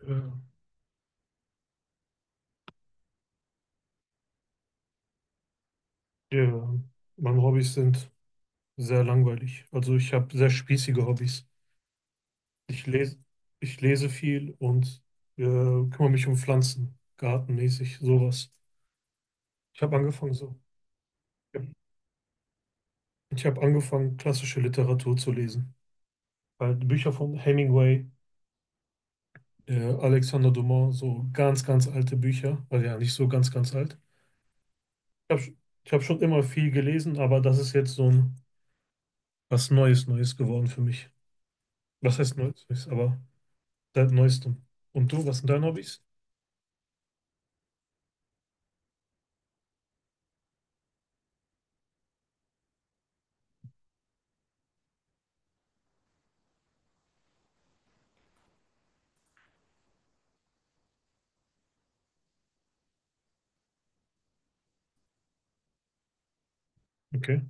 Äh, Ja, meine Hobbys sind sehr langweilig. Also ich habe sehr spießige Hobbys. Ich lese, ich lese viel und kümmere mich um Pflanzen, gartenmäßig, sowas. Ich habe angefangen so. Ich habe angefangen, klassische Literatur zu lesen. Halt Bücher von Hemingway, Alexander Dumas, so ganz, ganz alte Bücher. Also ja, nicht so ganz, ganz alt. Ich habe ich hab schon immer viel gelesen, aber das ist jetzt so ein was Neues, Neues geworden für mich. Was heißt Neues, Neues, aber. Seit neuestem. Und du, was sind deine Hobbys? Okay.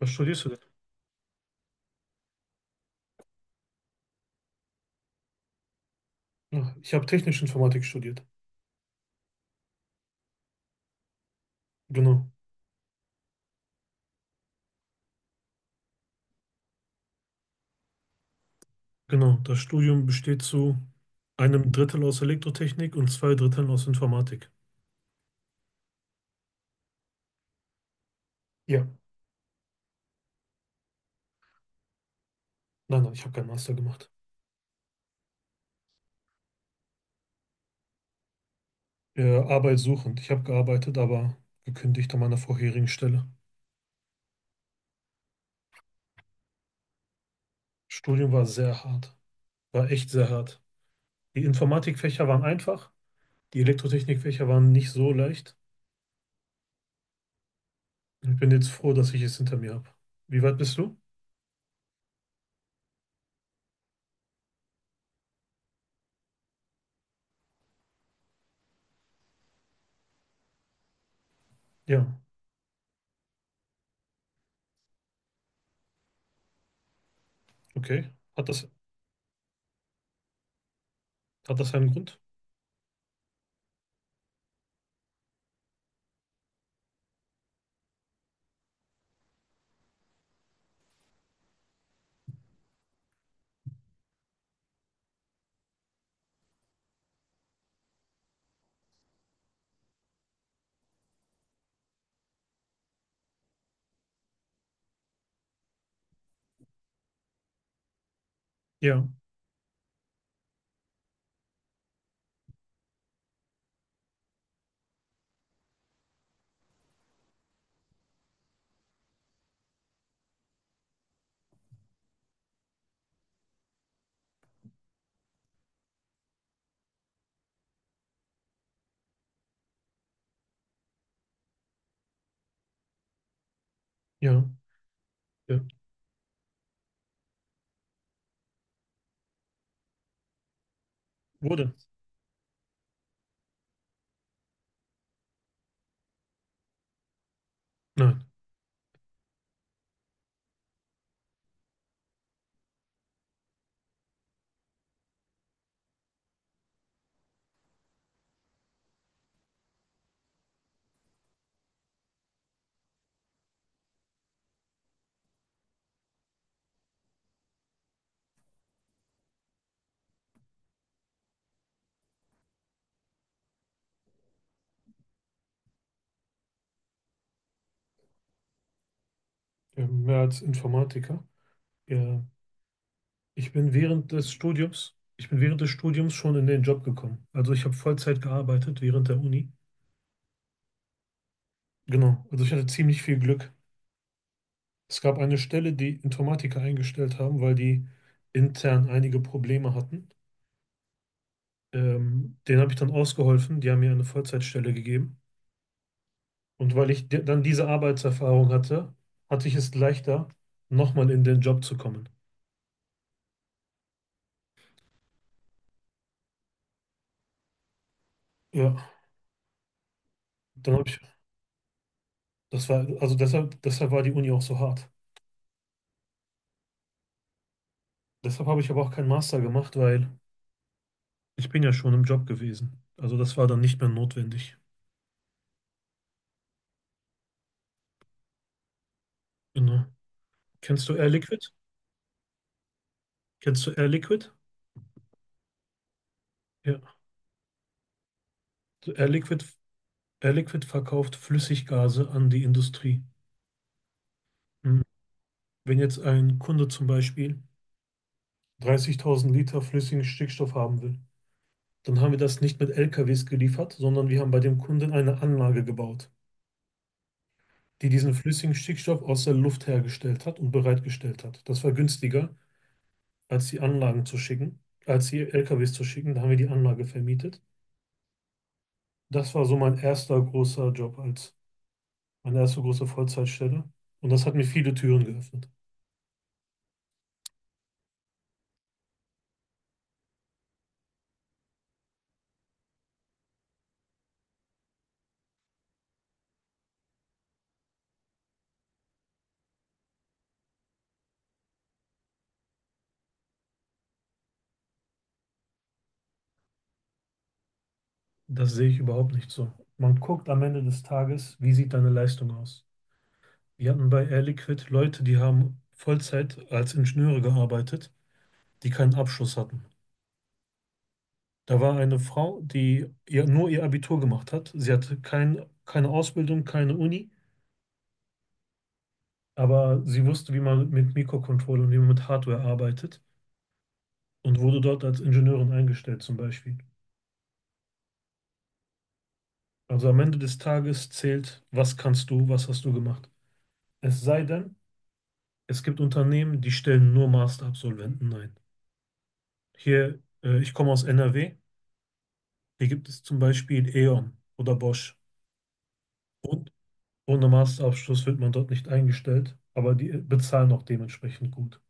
Was studierst du denn? Ach, ich habe technische Informatik studiert. Genau. Genau, das Studium besteht zu einem Drittel aus Elektrotechnik und zwei Dritteln aus Informatik. Ja. Nein, nein, ich habe keinen Master gemacht. Arbeitssuchend. Ich habe gearbeitet, aber gekündigt an meiner vorherigen Stelle. Studium war sehr hart. War echt sehr hart. Die Informatikfächer waren einfach, die Elektrotechnikfächer waren nicht so leicht. Ich bin jetzt froh, dass ich es hinter mir habe. Wie weit bist du? Ja, okay. Hat das, hat das einen Grund? Ja, ja, ja. Wurde? Nein, ja, mehr als Informatiker. Ja, ich bin während des Studiums schon in den Job gekommen. Also ich habe Vollzeit gearbeitet während der Uni. Genau, also ich hatte ziemlich viel Glück. Es gab eine Stelle, die Informatiker eingestellt haben, weil die intern einige Probleme hatten. Denen habe ich dann ausgeholfen. Die haben mir eine Vollzeitstelle gegeben. Und weil ich dann diese Arbeitserfahrung hatte, hatte ich es leichter, nochmal in den Job zu kommen. Ja, dann habe ich, das war, also deshalb war die Uni auch so hart. Deshalb habe ich aber auch keinen Master gemacht, weil ich bin ja schon im Job gewesen. Also das war dann nicht mehr notwendig. Genau. Kennst du Air Liquid? Kennst du Air Liquid? Ja. So Air Liquid, Air Liquid verkauft Flüssiggase an die Industrie. Hm. Wenn jetzt ein Kunde zum Beispiel 30.000 Liter flüssigen Stickstoff haben will, dann haben wir das nicht mit LKWs geliefert, sondern wir haben bei dem Kunden eine Anlage gebaut, die diesen flüssigen Stickstoff aus der Luft hergestellt hat und bereitgestellt hat. Das war günstiger, als die Anlagen zu schicken, als die LKWs zu schicken. Da haben wir die Anlage vermietet. Das war so mein erster großer Job, als meine erste große Vollzeitstelle. Und das hat mir viele Türen geöffnet. Das sehe ich überhaupt nicht so. Man guckt am Ende des Tages, wie sieht deine Leistung aus? Wir hatten bei Air Liquid Leute, die haben Vollzeit als Ingenieure gearbeitet, die keinen Abschluss hatten. Da war eine Frau, die nur ihr Abitur gemacht hat. Sie hatte keine Ausbildung, keine Uni, aber sie wusste, wie man mit Mikrocontrollern und wie man mit Hardware arbeitet und wurde dort als Ingenieurin eingestellt zum Beispiel. Also am Ende des Tages zählt, was kannst du, was hast du gemacht. Es sei denn, es gibt Unternehmen, die stellen nur Masterabsolventen ein. Hier, ich komme aus NRW, hier gibt es zum Beispiel E.ON oder Bosch. Und ohne Masterabschluss wird man dort nicht eingestellt, aber die bezahlen auch dementsprechend gut.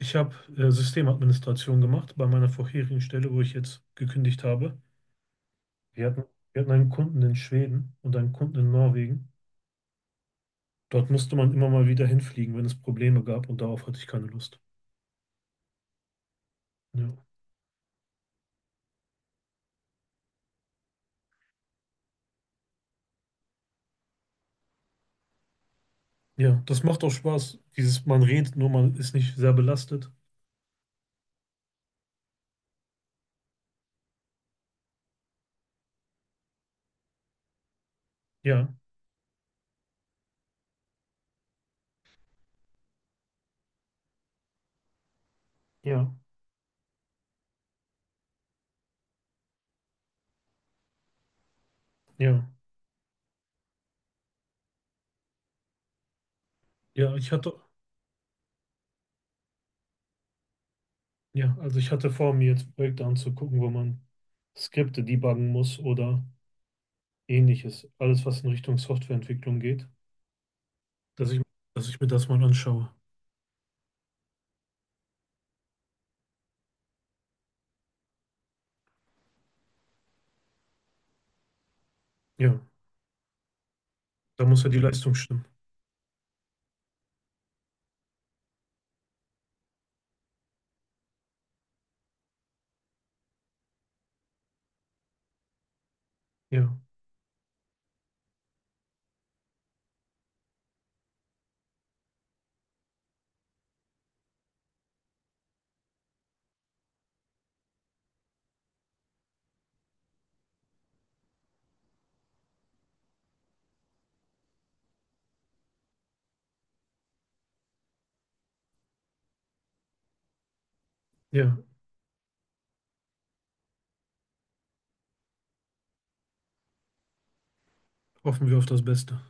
Ich habe Systemadministration gemacht bei meiner vorherigen Stelle, wo ich jetzt gekündigt habe. Wir hatten, wir hatten einen Kunden in Schweden und einen Kunden in Norwegen. Dort musste man immer mal wieder hinfliegen, wenn es Probleme gab, und darauf hatte ich keine Lust. Ja, ja, das macht auch Spaß. Dieses, man redet nur, man ist nicht sehr belastet. Ja, ja, ja, ja. Ich hatte, ja, also ich hatte vor, mir jetzt Projekte anzugucken, wo man Skripte debuggen muss oder Ähnliches, alles was in Richtung Softwareentwicklung geht, dass ich, dass ich mir das mal anschaue. Ja, da muss ja die Leistung stimmen. Ja, ja, hoffen wir auf das Beste.